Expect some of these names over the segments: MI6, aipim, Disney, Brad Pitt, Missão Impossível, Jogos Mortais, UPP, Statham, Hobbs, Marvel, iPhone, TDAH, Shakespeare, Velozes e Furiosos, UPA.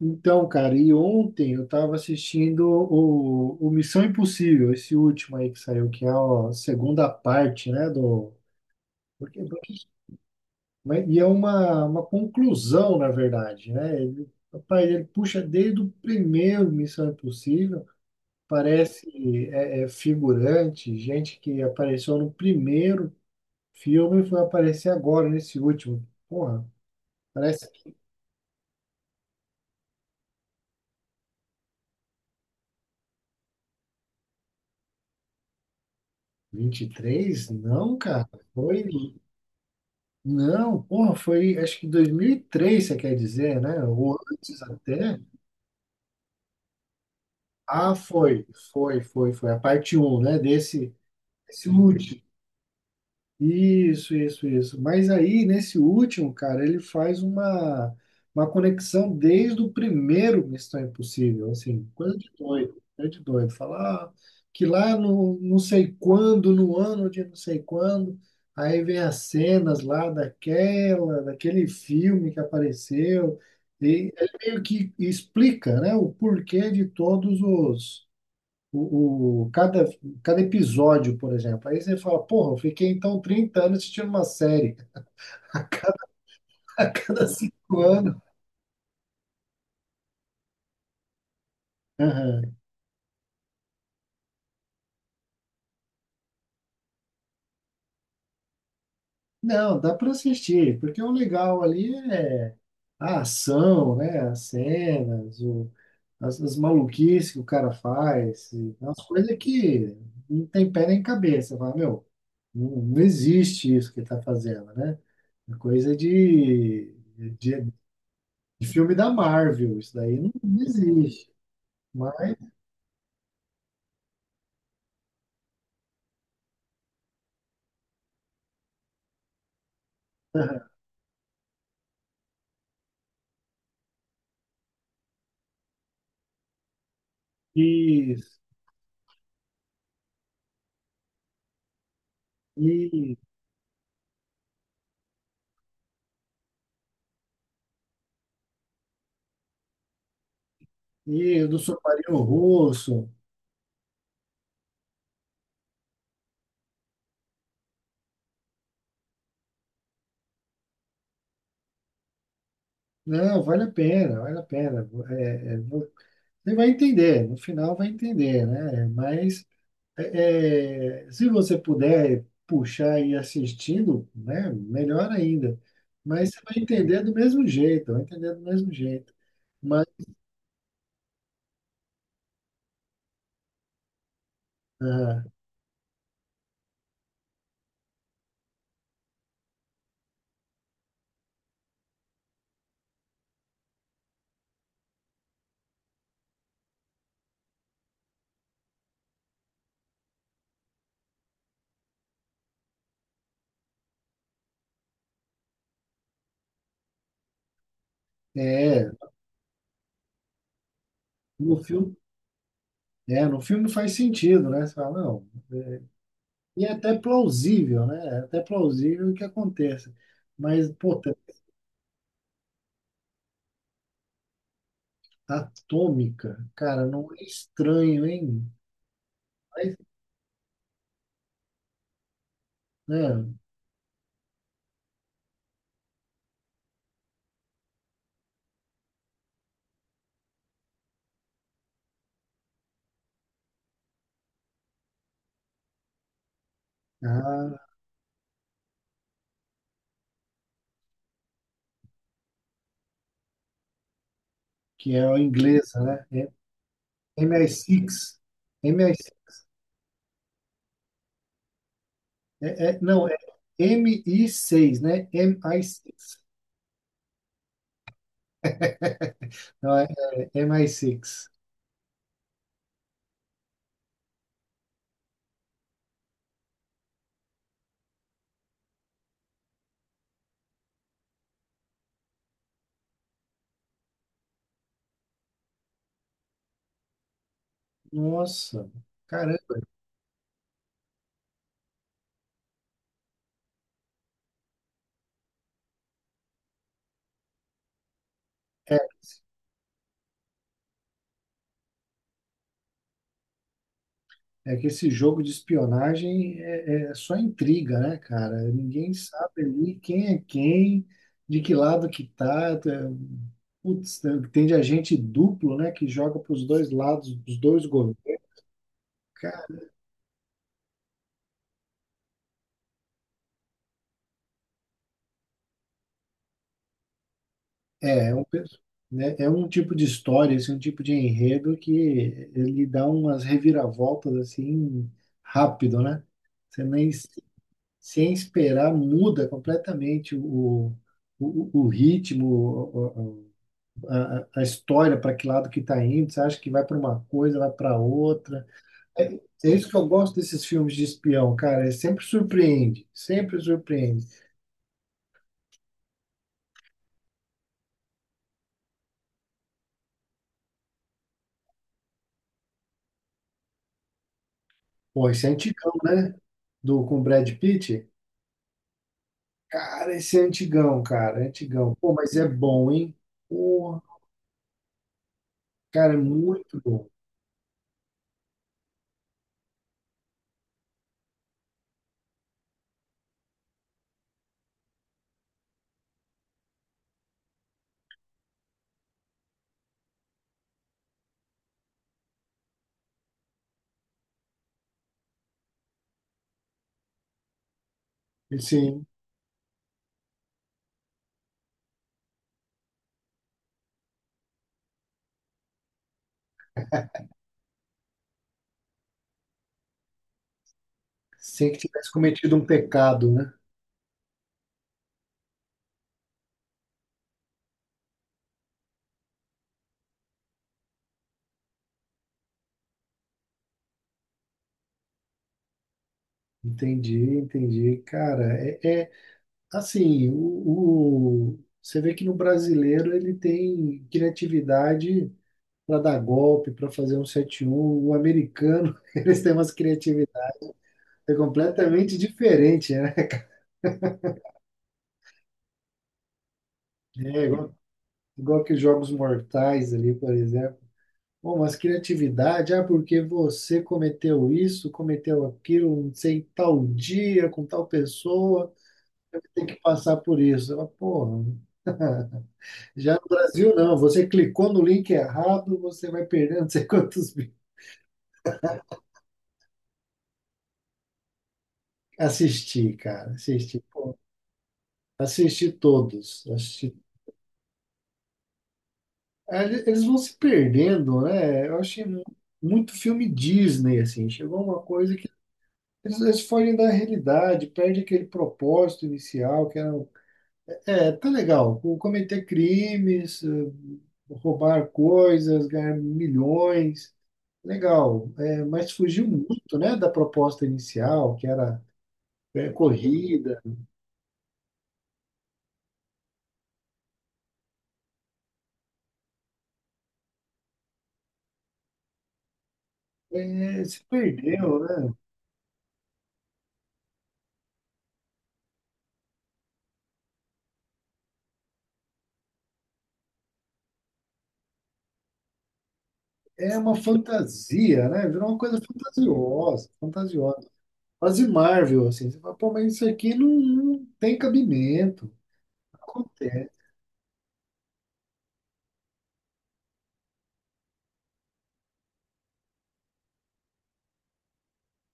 Então, cara, e ontem eu tava assistindo o Missão Impossível, esse último aí que saiu, que é a segunda parte, né, do... Porque, porque- e é uma conclusão, na verdade, né? Ele, rapaz, ele puxa desde o primeiro Missão Impossível, parece é figurante, gente que apareceu no primeiro filme e foi aparecer agora nesse último. Porra, parece que vinte e três. Não, cara, foi... Não, porra, foi acho que 2003, você quer dizer, né? Ou antes até. Ah, foi, foi, foi, foi. A parte um, né? Desse, desse último. Isso, isso, isso. Mas aí, nesse último, cara, ele faz uma conexão desde o primeiro Missão Impossível, assim, coisa de doido, coisa de doido. Falar que lá no não sei quando, no ano de não sei quando, aí vem as cenas lá daquela, daquele filme que apareceu, e ele meio que explica, né, o porquê de todos os cada, cada episódio, por exemplo. Aí você fala, porra, eu fiquei então 30 anos assistindo uma série. A cada, a cada cinco anos. Aham. Não, dá para assistir, porque o legal ali é a ação, né? As cenas, as, as maluquices que o cara faz, e as coisas que não tem pé nem cabeça. Você fala, meu, não, não existe isso que ele tá fazendo, né? É coisa de, de filme da Marvel, isso daí não existe. Mas aham, isso, e, e do submarino russo. Não, vale a pena, vale a pena. É, é, você vai entender, no final vai entender, né? Mas é, é, se você puder puxar e ir assistindo, né, melhor ainda. Mas você vai entender do mesmo jeito, vai entender do mesmo jeito. Mas ah, é, no filme, é, no filme faz sentido, né? Você fala, não. E é até plausível, né? É até plausível que aconteça. Mas, pô, tá- atômica, cara, não é estranho, hein? Mas, né? Ah, que é a inglesa, né? É mi. M MI6. É, é- não, é M mi seis, né? MI6. Não, é, é MI6. Nossa, caramba. É que esse jogo de espionagem é, é só intriga, né, cara? Ninguém sabe ali quem é quem, de que lado que tá. É, putz, tem de agente duplo, né, que joga para os dois lados, dos dois governos. Cara, é, é um, pe-, né, é um tipo de história, esse é um tipo de enredo que ele dá umas reviravoltas assim rápido, né? Você nem sem esperar muda completamente o, o ritmo, a história, para que lado que está indo, você acha que vai para uma coisa, vai para outra. É, é isso que eu gosto desses filmes de espião, cara, é sempre surpreende, sempre surpreende. Pô, esse é antigão, né? Do, com o Brad Pitt. Cara, esse é antigão, cara, é antigão. Pô, mas é bom, hein? Pô, cara, é muito bom. Assim, sem que tivesse cometido um pecado, né? Entendi, entendi. Cara, é, é-. Assim, você vê que no brasileiro ele tem criatividade para dar golpe, para fazer um sete. Um o americano, eles têm umas criatividades completamente diferentes, né? É, igual, igual que os Jogos Mortais ali, por exemplo. Bom, mas criatividade, ah, porque você cometeu isso, cometeu aquilo, não sei, tal dia, com tal pessoa, tem que passar por isso. Ela, pô, já no Brasil, não. Você clicou no link errado, você vai perder não sei quantos mil. Assisti, cara. Assisti. Assisti todos. Assisti. Ah, eles vão se perdendo, né? Eu achei muito filme Disney, assim. Chegou uma coisa que eles fogem da realidade, perde aquele propósito inicial que era... Um, é, tá legal. Cometer crimes, roubar coisas, ganhar milhões. Legal, é, mas fugiu muito, né, da proposta inicial, que era. É, corrida, é, se perdeu, né? É uma fantasia, né? Virou uma coisa fantasiosa, fantasiosa. Quase Marvel, assim. Você fala, pô, mas isso aqui não, não tem cabimento. Acontece.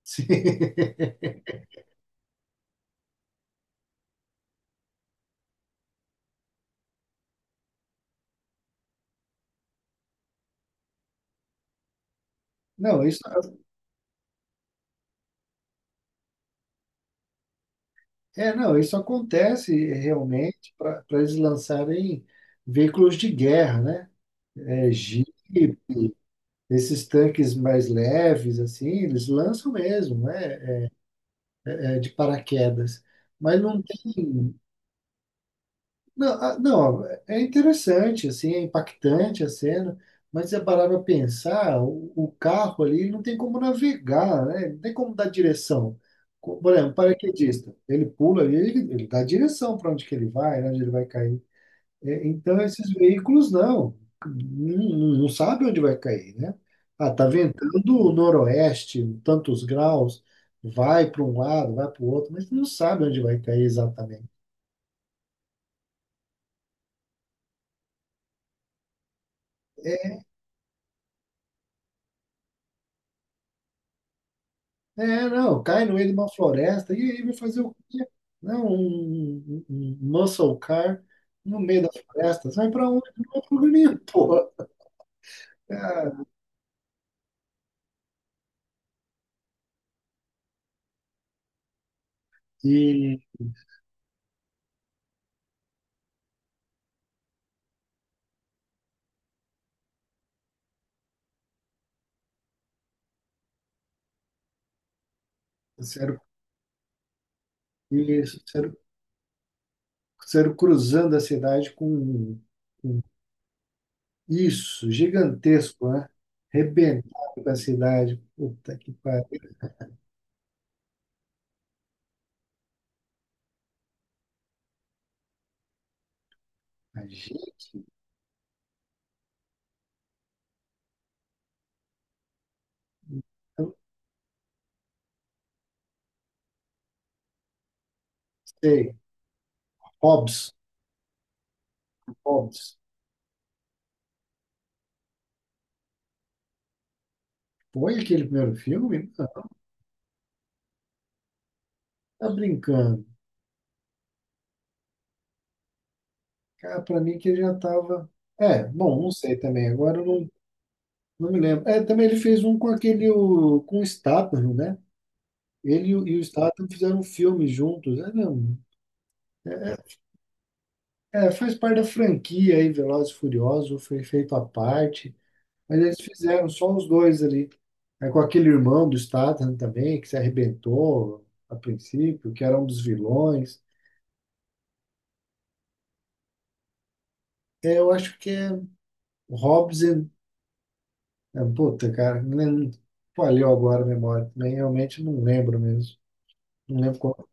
Não, isso, é, não, isso acontece realmente para eles lançarem veículos de guerra, né? É, jeep, esses tanques mais leves, assim, eles lançam mesmo, né? É, de paraquedas. Mas não tem. Não, ah, não, é interessante, assim, é impactante a cena, mas se você parar para pensar, o carro ali não tem como navegar, né? Não tem como dar direção. Por exemplo, o paraquedista, ele pula ali, ele dá direção para onde que ele vai, né, onde ele vai cair. É, então, esses veículos não, não, não sabe onde vai cair, né? Ah, tá ventando noroeste, tantos graus, vai para um lado, vai para o outro, mas não sabe onde vai cair. É, não, cai no meio de uma floresta e aí vai fazer o quê? Não, um, um muscle car no meio da floresta. Você vai para onde? Não vai para lugar nenhum, porra. Cara, e sério, isso, sério, sério, cruzando a cidade com isso, gigantesco, né? Rebentado com a cidade. Puta que pariu. Imagina, eu não sei. Hobbs, Hobbs. Foi aquele primeiro filme? Não, tá brincando. Cara, pra mim que ele já tava. É, bom, não sei também. Agora eu não, não me lembro. É, também ele fez um com aquele. Com o Statham, né? Ele e o Statham fizeram um filme juntos. É, não. É, faz parte da franquia aí, Velozes e Furiosos, foi feito à parte. Mas eles fizeram só os dois ali. É com aquele irmão do Statham também, que se arrebentou a princípio, que era um dos vilões. É, eu acho que é Hobbs. É, puta, cara, nem, falhou agora a memória também, realmente não lembro mesmo. Não lembro.